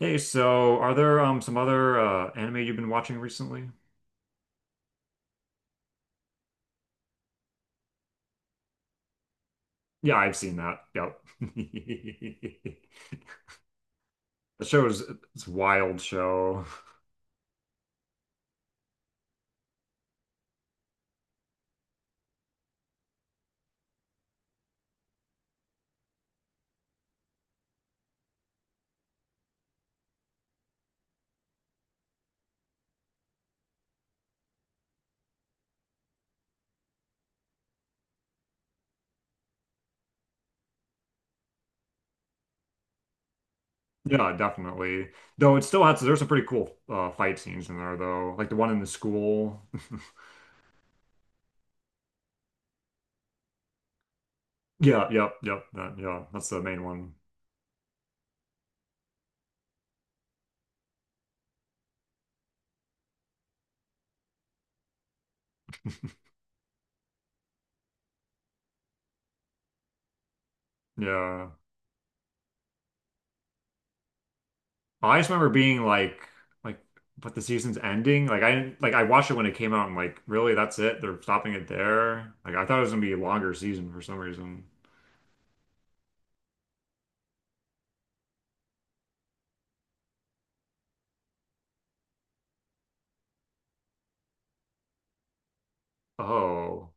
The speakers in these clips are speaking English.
Hey, so are there some other anime you've been watching recently? Yeah, I've seen that. Yep. The show is It's a wild show. Yeah, definitely. Though it still has There's some pretty cool fight scenes in there though. Like the one in the school. Yeah, yep, yep. That, yeah, that's the main one. Yeah. I just remember being like but the season's ending. Like I didn't like I watched it when it came out and like really that's it. They're stopping it there. Like I thought it was gonna be a longer season for some reason. Oh,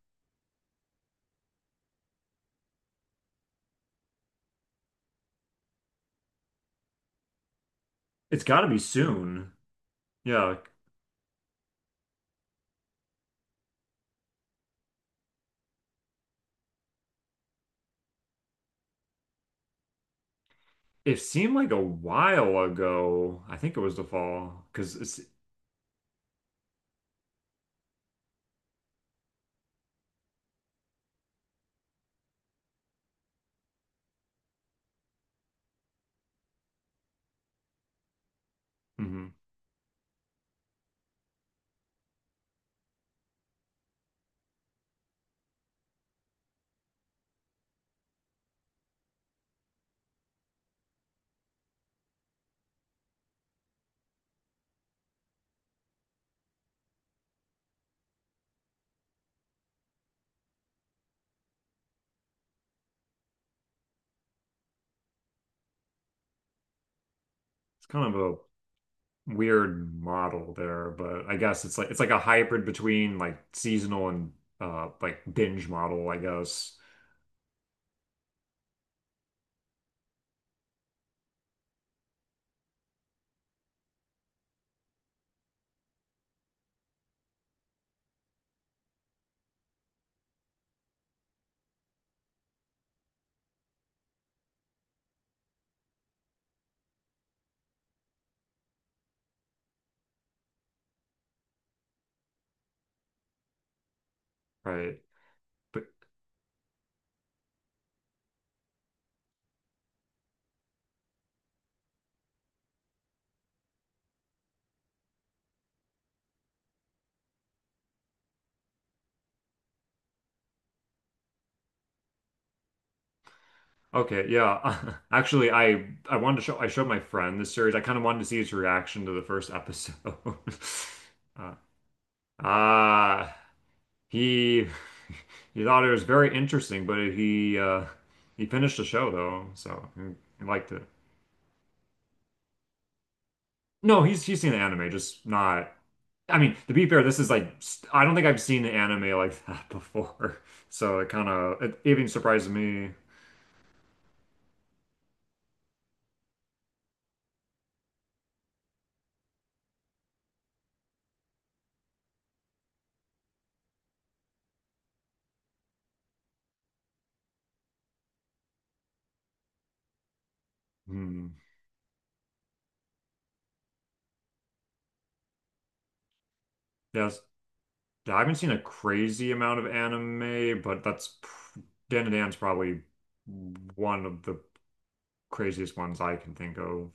it's got to be soon. Yeah, it seemed like a while ago. I think it was the fall because it's mhm. It's kind of a weird model there, but I guess it's like a hybrid between like seasonal and like binge model, I guess. Right. But okay, yeah. Actually, I showed my friend this series. I kind of wanted to see his reaction to the first episode. Uh, Ah, He he thought it was very interesting, but he finished the show though, so he liked it. No, he's seen the anime, just not. I mean, to be fair, this is like s- I don't think I've seen an anime like that before, so it kind of it even surprised me. Hmm. Yes, yeah, I haven't seen a crazy amount of anime, Dan to Dan's probably one of the craziest ones I can think of.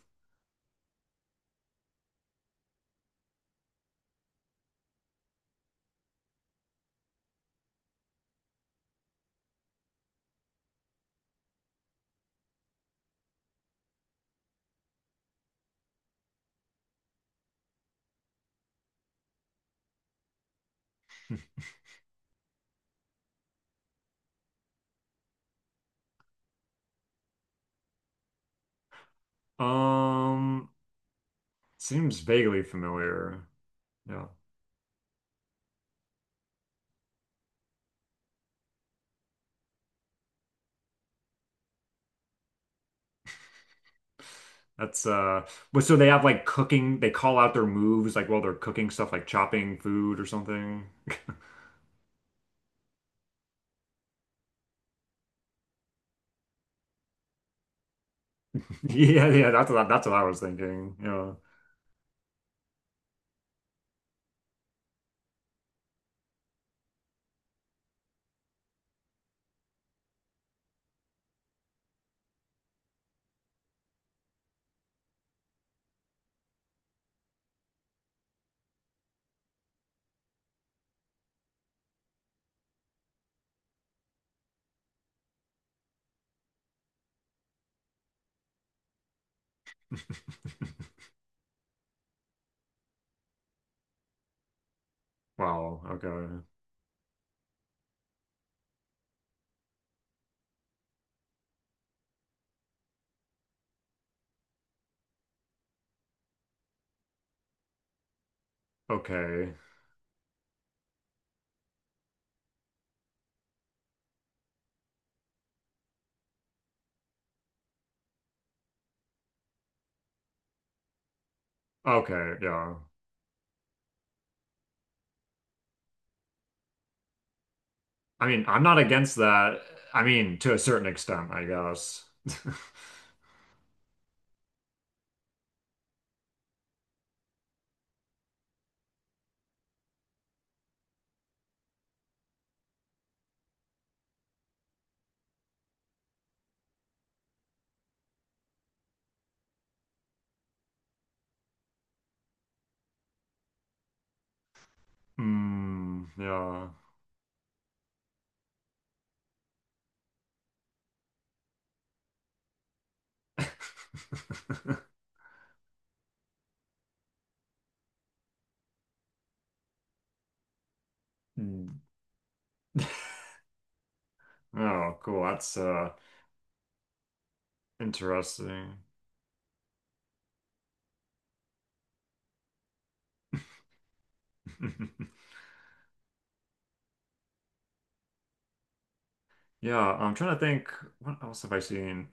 Um, seems vaguely familiar. Yeah. That's but so they have like cooking they call out their moves like while they're cooking stuff like chopping food or something. Yeah, yeah, that's what I was thinking. Yeah. Wow, okay. Okay. Okay, yeah. I mean, I'm not against that. I mean, to a certain extent, I guess. Hmm, yeah. Hmm. Oh, cool. That's interesting. Yeah, I'm trying to think, what else have I seen?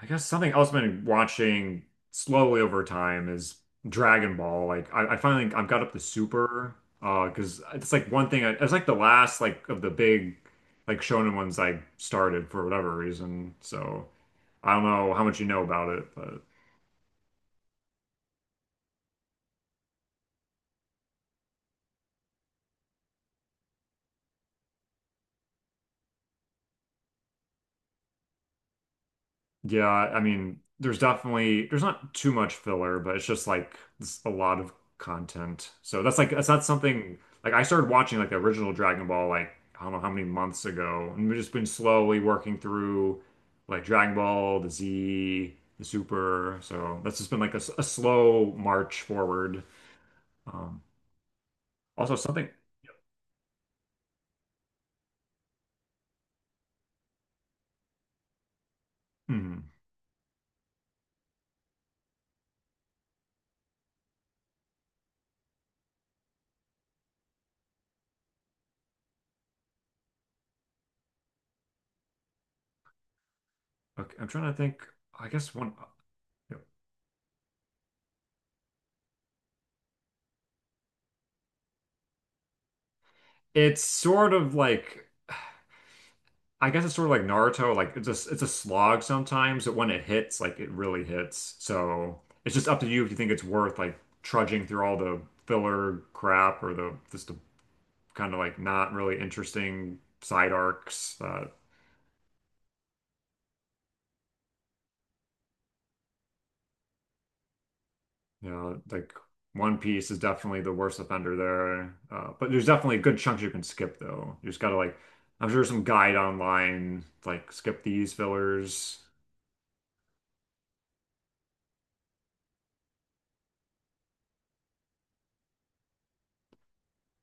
I guess something else I've been watching slowly over time is Dragon Ball. Like I finally I've got up the Super because it's like one thing it was like the last like of the big like shonen ones I started for whatever reason. So I don't know how much you know about it, but yeah, I mean, there's definitely there's not too much filler, but it's just like it's a lot of content. So that's like that's not something like I started watching like the original Dragon Ball like I don't know how many months ago, and we've just been slowly working through like Dragon Ball, the Z, the Super. So that's just been like a slow march forward. Um, also something. Hmm, okay, I'm trying to think. I guess one. Yep. It's sort of like, I guess it's sort of like Naruto, like it's a slog sometimes, but when it hits, like it really hits. So it's just up to you if you think it's worth like trudging through all the filler crap or the just the kind of like not really interesting side arcs that, you know, like One Piece is definitely the worst offender there. But there's definitely good chunks you can skip though. You just gotta like I'm sure there's some guide online like skip these fillers.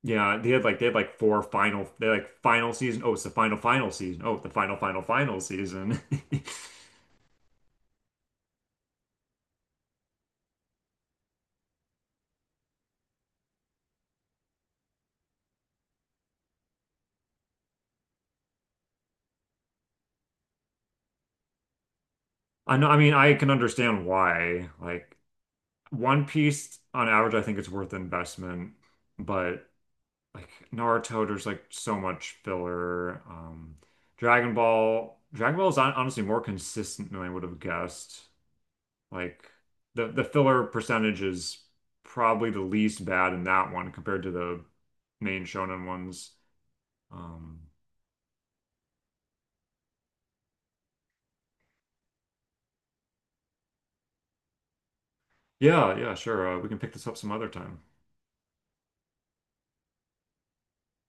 Yeah, they had like four final they had like final season. Oh, it's the final final season. Oh, the final final final season. I know, I mean, I can understand why. Like One Piece on average, I think it's worth the investment, but like Naruto, there's like so much filler. Dragon Ball is honestly more consistent than I would have guessed. Like the filler percentage is probably the least bad in that one compared to the main shonen ones. Um, yeah, yeah, sure. We can pick this up some other time.